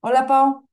Hola, Pau.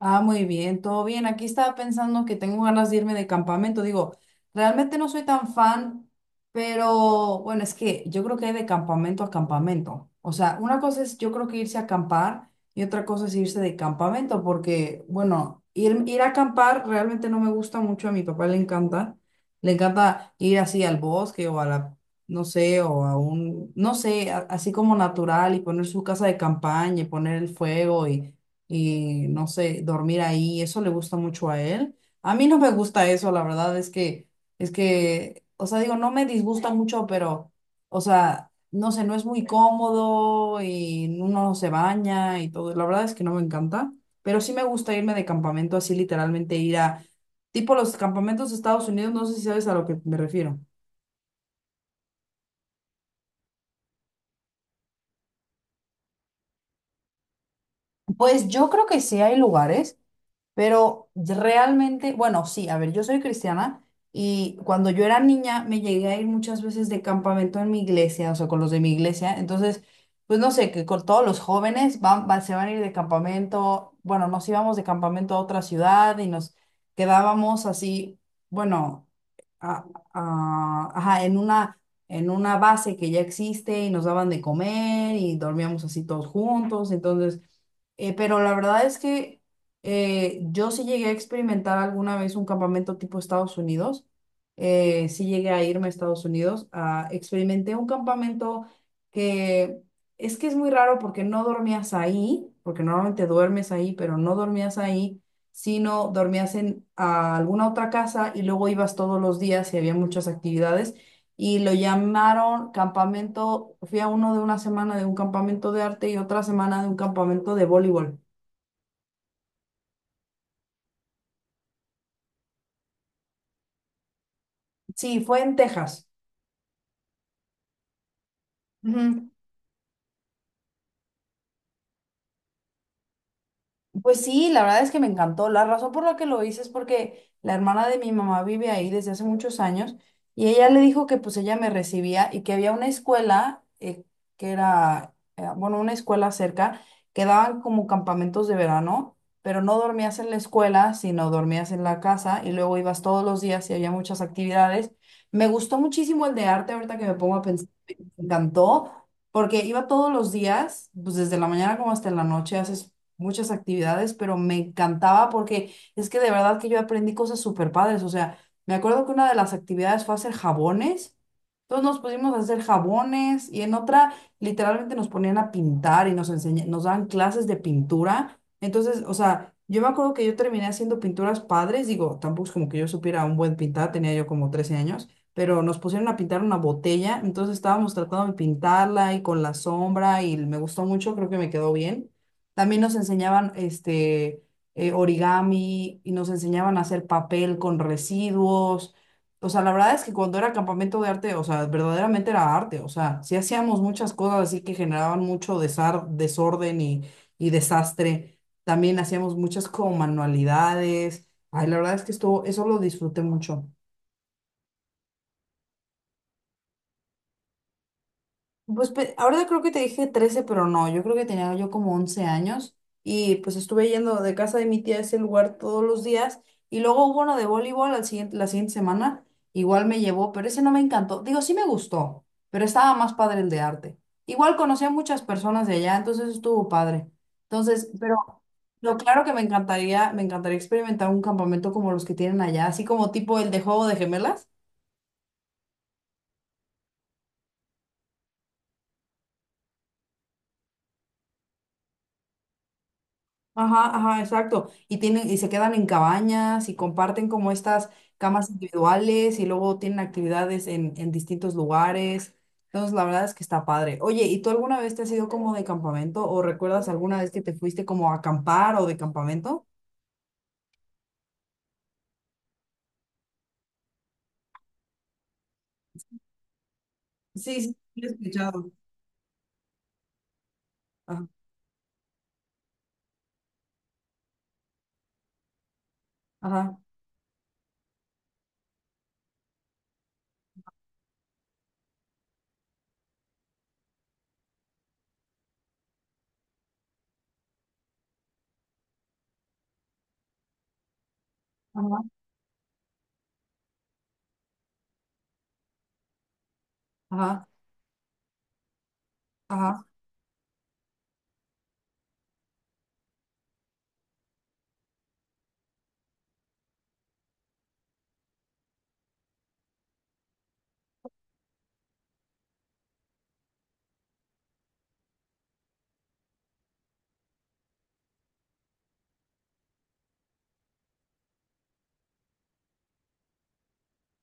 Ah, muy bien, todo bien. Aquí estaba pensando que tengo ganas de irme de campamento. Digo, realmente no soy tan fan, pero bueno, es que yo creo que hay de campamento a campamento. O sea, una cosa es yo creo que irse a acampar y otra cosa es irse de campamento, porque bueno, ir a acampar realmente no me gusta mucho. A mi papá le encanta. Le encanta ir así al bosque o a la, no sé, o a un, no sé, así como natural y poner su casa de campaña y poner el fuego y no sé, dormir ahí, eso le gusta mucho a él. A mí no me gusta eso, la verdad es que, o sea, digo, no me disgusta mucho, pero, o sea, no sé, no es muy cómodo y uno no se baña y todo. La verdad es que no me encanta, pero sí me gusta irme de campamento así, literalmente ir a, tipo los campamentos de Estados Unidos, no sé si sabes a lo que me refiero. Pues yo creo que sí hay lugares. Pero realmente, bueno, sí, a ver, yo soy cristiana y cuando yo era niña me llegué a ir muchas veces de campamento en mi iglesia, o sea, con los de mi iglesia. Entonces, pues no sé, que con todos los jóvenes van, se van a ir de campamento. Bueno, nos íbamos de campamento a otra ciudad y nos quedábamos así, bueno, a- ajá, en una base que ya existe y nos daban de comer y dormíamos así todos juntos. Entonces, pero la verdad es que yo sí llegué a experimentar alguna vez un campamento tipo Estados Unidos. Sí llegué a irme a Estados Unidos. Experimenté un campamento que que es muy raro porque no dormías ahí, porque normalmente duermes ahí, pero no dormías ahí, sino dormías en alguna otra casa y luego ibas todos los días y había muchas actividades. Y lo llamaron campamento, fui a uno de una semana de un campamento de arte y otra semana de un campamento de voleibol. Sí, fue en Texas. Ujú. Pues sí, la verdad es que me encantó. La razón por la que lo hice es porque la hermana de mi mamá vive ahí desde hace muchos años y ella le dijo que pues ella me recibía y que había una escuela que era, bueno, una escuela cerca que daban como campamentos de verano, pero no dormías en la escuela, sino dormías en la casa y luego ibas todos los días y había muchas actividades. Me gustó muchísimo el de arte, ahorita que me pongo a pensar, me encantó porque iba todos los días, pues desde la mañana como hasta la noche, haces muchas actividades, pero me encantaba porque es que de verdad que yo aprendí cosas súper padres. O sea, me acuerdo que una de las actividades fue hacer jabones. Entonces nos pusimos a hacer jabones y en otra literalmente nos ponían a pintar y nos daban clases de pintura. Entonces, o sea, yo me acuerdo que yo terminé haciendo pinturas padres. Digo, tampoco es como que yo supiera un buen pintar, tenía yo como 13 años. Pero nos pusieron a pintar una botella, entonces estábamos tratando de pintarla y con la sombra y me gustó mucho, creo que me quedó bien. También nos enseñaban origami y nos enseñaban a hacer papel con residuos. O sea, la verdad es que cuando era campamento de arte, o sea, verdaderamente era arte. O sea, sí hacíamos muchas cosas así que generaban mucho desorden y, desastre. También hacíamos muchas como manualidades. Ay, la verdad es que eso lo disfruté mucho. Ahora creo que te dije 13 pero no, yo creo que tenía yo como 11 años y pues estuve yendo de casa de mi tía a ese lugar todos los días y luego hubo uno de voleibol la siguiente semana, igual me llevó, pero ese no me encantó, digo, sí me gustó, pero estaba más padre el de arte. Igual conocí a muchas personas de allá, entonces estuvo padre. Entonces, pero lo claro que me encantaría experimentar un campamento como los que tienen allá, así como tipo el de Juego de Gemelas. Ajá, ajá, exacto. Y tienen, y se quedan en cabañas y comparten como estas camas individuales y luego tienen actividades en distintos lugares. Entonces, la verdad es que está padre. Oye, ¿y tú alguna vez te has ido como de campamento o recuerdas alguna vez que te fuiste como a acampar o de campamento? Sí, sí, lo he escuchado. Ajá, ajá, ajá, ajá, ajá.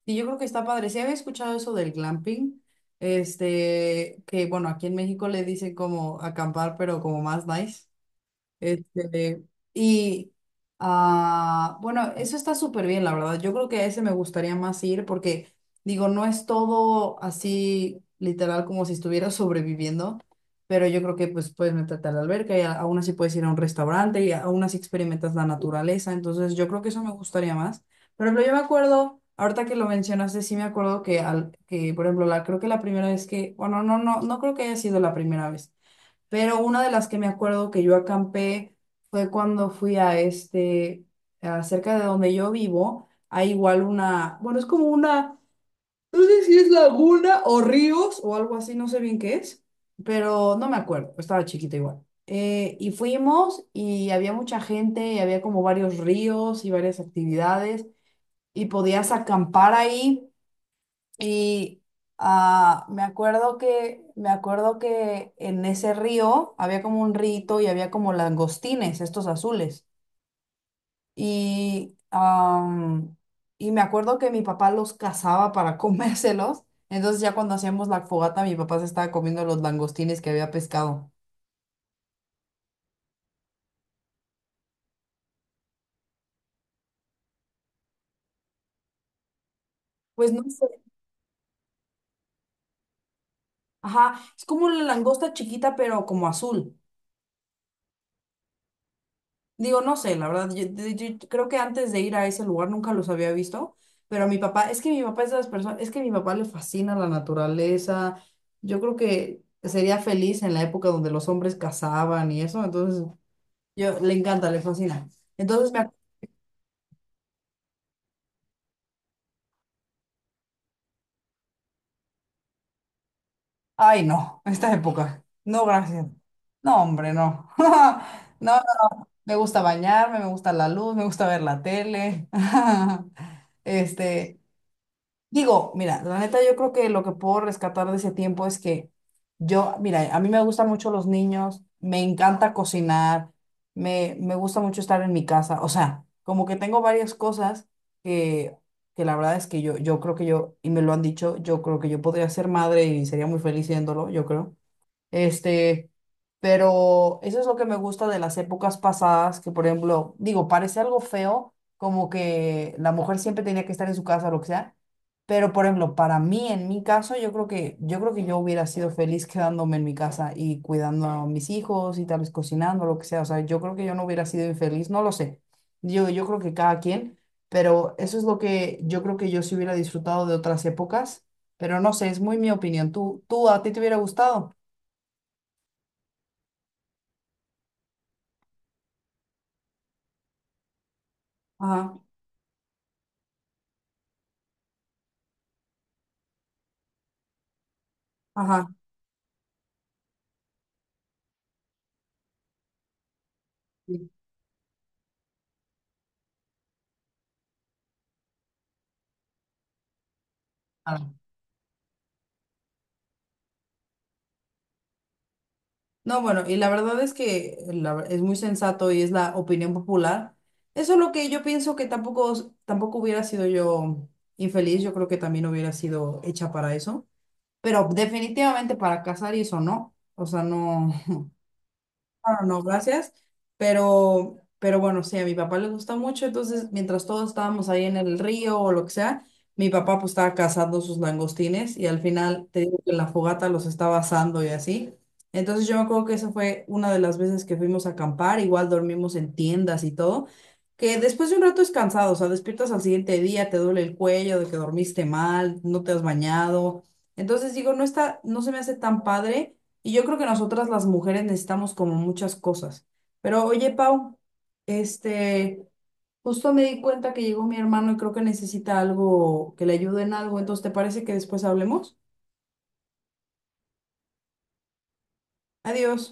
Y yo creo que está padre. Sí había escuchado eso del glamping, que bueno, aquí en México le dicen como acampar, pero como más nice. Este, y bueno, eso está súper bien, la verdad. Yo creo que a ese me gustaría más ir porque, digo, no es todo así literal como si estuviera sobreviviendo, pero yo creo que pues puedes meterte a la alberca y aún así puedes ir a un restaurante y aún así experimentas la naturaleza. Entonces, yo creo que eso me gustaría más. Por ejemplo, yo me acuerdo, ahorita que lo mencionaste, sí me acuerdo que, que por ejemplo, la, creo que la primera vez que, bueno, no, no, no creo que haya sido la primera vez. Pero una de las que me acuerdo que yo acampé fue cuando fui a cerca de donde yo vivo, hay igual una, bueno, es como una, no sé si es laguna o ríos o algo así, no sé bien qué es, pero no me acuerdo, estaba chiquita igual. Y fuimos y había mucha gente y había como varios ríos y varias actividades y podías acampar ahí. Y me acuerdo que en ese río había como un rito y había como langostines, estos azules. Y, am, y me acuerdo que mi papá los cazaba para comérselos. Entonces ya cuando hacíamos la fogata, mi papá se estaba comiendo los langostines que había pescado. Pues no sé. Ajá, es como la langosta chiquita, pero como azul. Digo, no sé, la verdad, yo creo que antes de ir a ese lugar nunca los había visto, pero a mi papá, es que mi papá es de las personas, es que mi papá le fascina la naturaleza, yo creo que sería feliz en la época donde los hombres cazaban y eso, entonces yo le encanta, le fascina. Entonces me... ac- Ay, no, esta época, no, gracias. No, hombre, no. No, no, me gusta bañarme, me gusta la luz, me gusta ver la tele. Este... Digo, mira, la neta yo creo que lo que puedo rescatar de ese tiempo es que yo, mira, a mí me gustan mucho los niños, me encanta cocinar, me gusta mucho estar en mi casa, o sea, como que tengo varias cosas que, que la verdad es que yo creo que yo, y me lo han dicho, yo creo que yo podría ser madre y sería muy feliz siéndolo, yo creo. Este, pero eso es lo que me gusta de las épocas pasadas, que por ejemplo, digo, parece algo feo, como que la mujer siempre tenía que estar en su casa o lo que sea, pero por ejemplo, para mí, en mi caso, yo creo que yo hubiera sido feliz quedándome en mi casa y cuidando a mis hijos y tal vez cocinando, lo que sea, o sea, yo creo que yo no hubiera sido infeliz, no lo sé. Yo creo que cada quien, pero eso es lo que yo creo que yo sí hubiera disfrutado de otras épocas, pero no sé, es muy mi opinión. ¿Tú a ti te hubiera gustado? Ajá, ajá, sí, claro. No, bueno, y la verdad es que es muy sensato y es la opinión popular. Eso es lo que yo pienso que tampoco hubiera sido yo infeliz, yo creo que también hubiera sido hecha para eso, pero definitivamente para casar y eso no, o sea, no, no, no, no, gracias. Pero bueno, sí, a mi papá le gusta mucho. Entonces, mientras todos estábamos ahí en el río o lo que sea, mi papá pues estaba cazando sus langostines y al final te digo que en la fogata los estaba asando y así. Entonces yo me acuerdo que esa fue una de las veces que fuimos a acampar. Igual dormimos en tiendas y todo. Que después de un rato es cansado, o sea, despiertas al siguiente día, te duele el cuello de que dormiste mal, no te has bañado. Entonces digo, no está, no se me hace tan padre y yo creo que nosotras las mujeres necesitamos como muchas cosas. Pero oye, Pau, este, justo me di cuenta que llegó mi hermano y creo que necesita algo que le ayude en algo. Entonces, ¿te parece que después hablemos? Adiós.